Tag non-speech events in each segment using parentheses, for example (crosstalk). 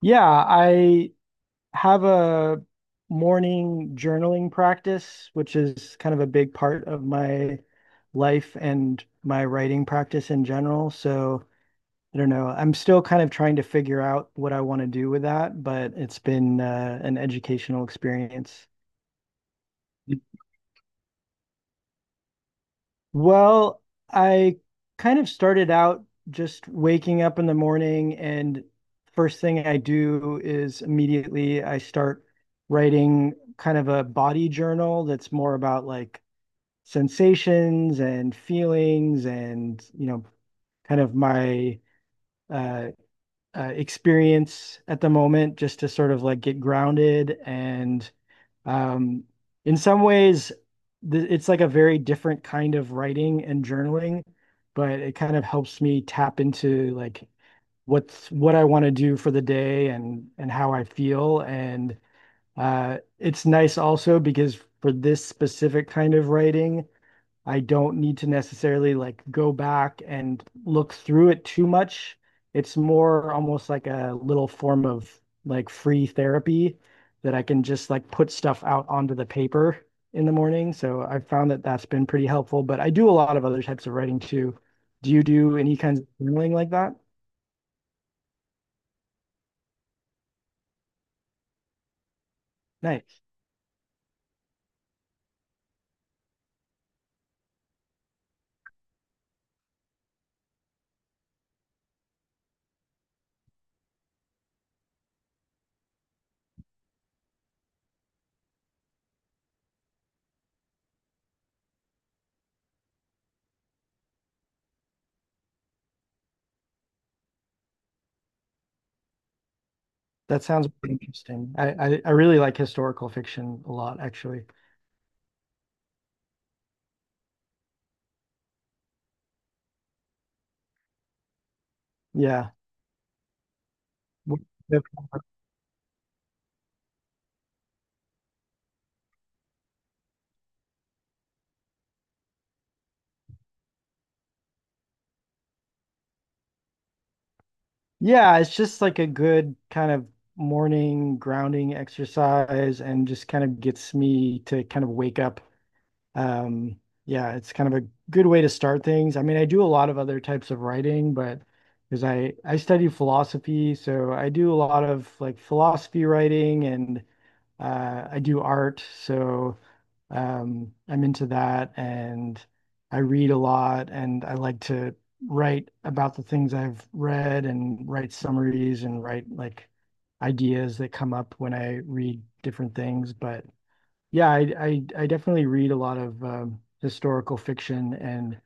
Yeah, I have a morning journaling practice, which is kind of a big part of my life and my writing practice in general. So I don't know. I'm still kind of trying to figure out what I want to do with that, but it's been an educational experience. Well, I kind of started out just waking up in the morning, and first thing I do is immediately I start writing kind of a body journal that's more about like sensations and feelings and, kind of my uh, experience at the moment just to sort of like get grounded and um, in some ways, th it's like a very different kind of writing and journaling, but it kind of helps me tap into like what I want to do for the day and how I feel. And it's nice also because for this specific kind of writing, I don't need to necessarily like go back and look through it too much. It's more almost like a little form of like free therapy that I can just like put stuff out onto the paper in the morning. So I found that that's been pretty helpful, but I do a lot of other types of writing too. Do you do any kinds of journaling like that? Nice. That sounds pretty interesting. I really like historical fiction a lot, actually. Yeah. Yeah, it's just like a good kind of morning grounding exercise and just kind of gets me to kind of wake up. Yeah, it's kind of a good way to start things. I mean, I do a lot of other types of writing, but because I study philosophy, so I do a lot of like philosophy writing and I do art. So I'm into that and I read a lot and I like to write about the things I've read and write summaries and write like ideas that come up when I read different things. But yeah, I definitely read a lot of historical fiction and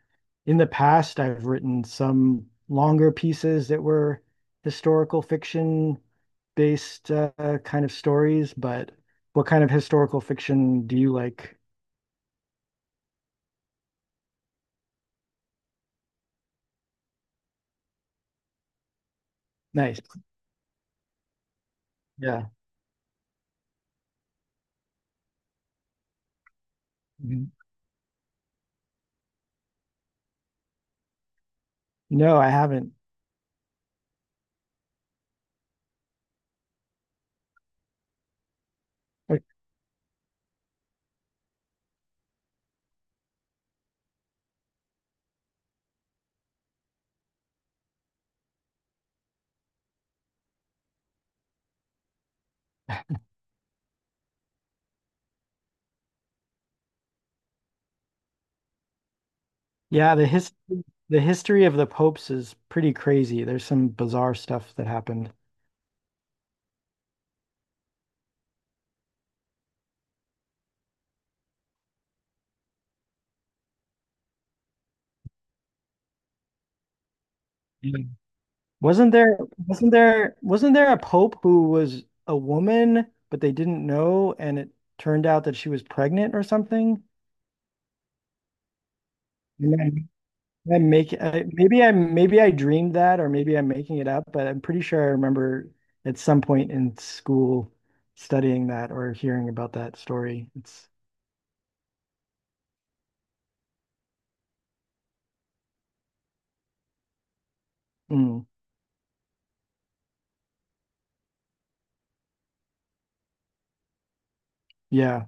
in the past I've written some longer pieces that were historical fiction based kind of stories, but what kind of historical fiction do you like? Nice. Yeah. Mhm. No, I haven't. Uh, Yeah, the history of the popes is pretty crazy. There's some bizarre stuff that happened. Yeah. Wasn't there wasn't there a pope who was a woman, but they didn't know, and it turned out that she was pregnant or something? Am I make I, maybe I maybe I dreamed that, or maybe I'm making it up, but I'm pretty sure I remember at some point in school studying that or hearing about that story. It's mm, yeah.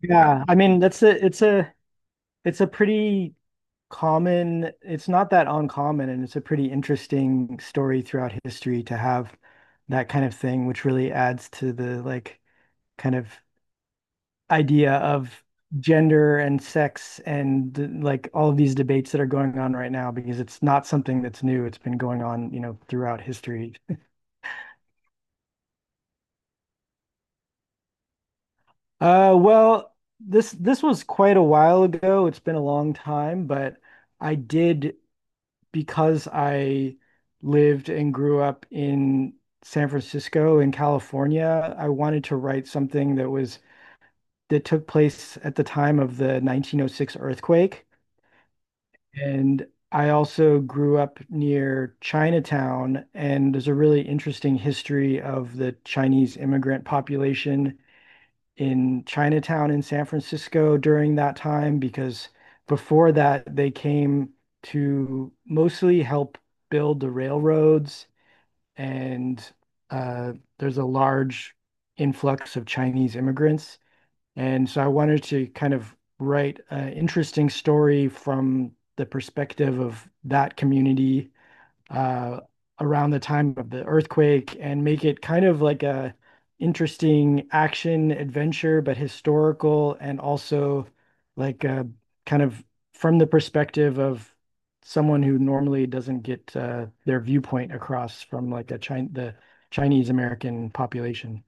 Yeah, I mean that's a it's a pretty common, it's not that uncommon, and it's a pretty interesting story throughout history to have that kind of thing, which really adds to the like kind of idea of gender and sex and like all of these debates that are going on right now, because it's not something that's new, it's been going on, you know, throughout history. Uh, well, this was quite a while ago, it's been a long time, but I did because I lived and grew up in San Francisco in California, I wanted to write something that was that took place at the time of the 1906 earthquake. And I also grew up near Chinatown, and there's a really interesting history of the Chinese immigrant population in Chinatown in San Francisco during that time because before that they came to mostly help build the railroads and uh, there's a large influx of Chinese immigrants. And so I wanted to kind of write an interesting story from the perspective of that community, uh, around the time of the earthquake, and make it kind of like a interesting action adventure, but historical, and also like kind of from the perspective of someone who normally doesn't get their viewpoint across from like a Chin the Chinese American population.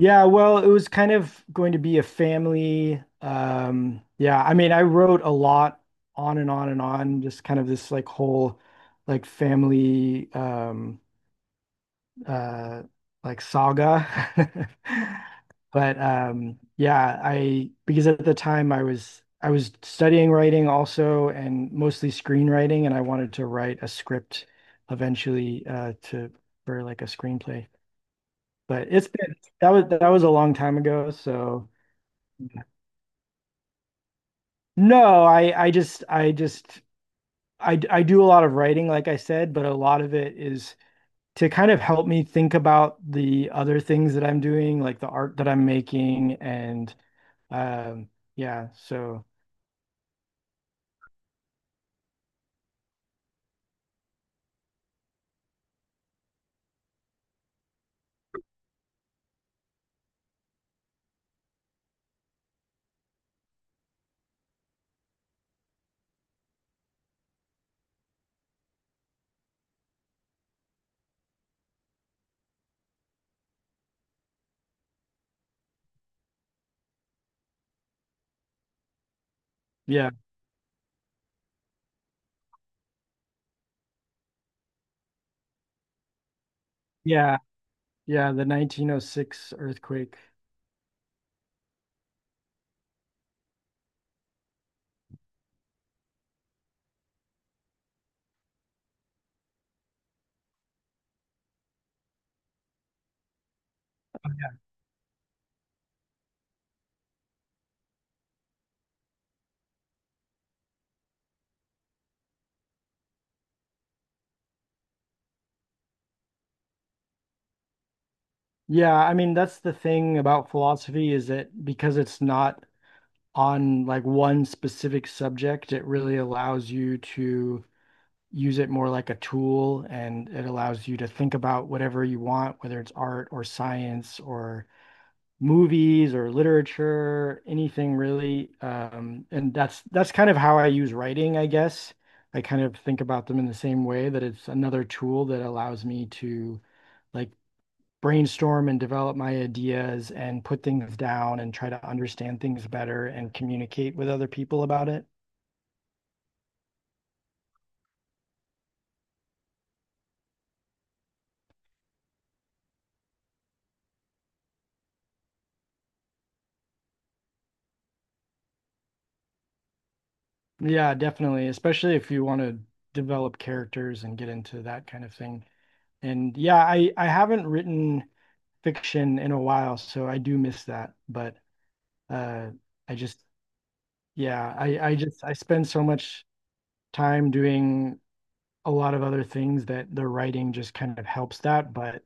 Yeah, well, it was kind of going to be a family. Yeah, I mean, I wrote a lot on and on and on, just kind of this like whole like family uh like saga. (laughs) But yeah, I because at the time I was studying writing also and mostly screenwriting, and I wanted to write a script eventually to for like a screenplay. But it's been that was a long time ago, so no, I just I just I do a lot of writing, like I said, but a lot of it is to kind of help me think about the other things that I'm doing, like the art that I'm making, and um, yeah, so yeah, yeah, yeah, the 1906 earthquake. Yeah, I mean, that's the thing about philosophy is that because it's not on like one specific subject, it really allows you to use it more like a tool and it allows you to think about whatever you want, whether it's art or science or movies or literature, anything really. And that's kind of how I use writing, I guess. I kind of think about them in the same way that it's another tool that allows me to like brainstorm and develop my ideas and put things down and try to understand things better and communicate with other people about it. Yeah, definitely. Especially if you want to develop characters and get into that kind of thing. And yeah, I haven't written fiction in a while, so I do miss that. But uh I just yeah, I spend so much time doing a lot of other things that the writing just kind of helps that. But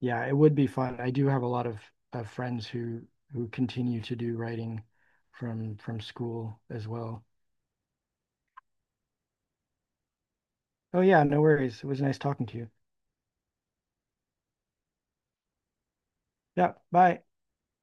yeah, it would be fun. I do have a lot of friends who continue to do writing from school as well. Oh yeah, no worries. It was nice talking to you. Yeah, bye.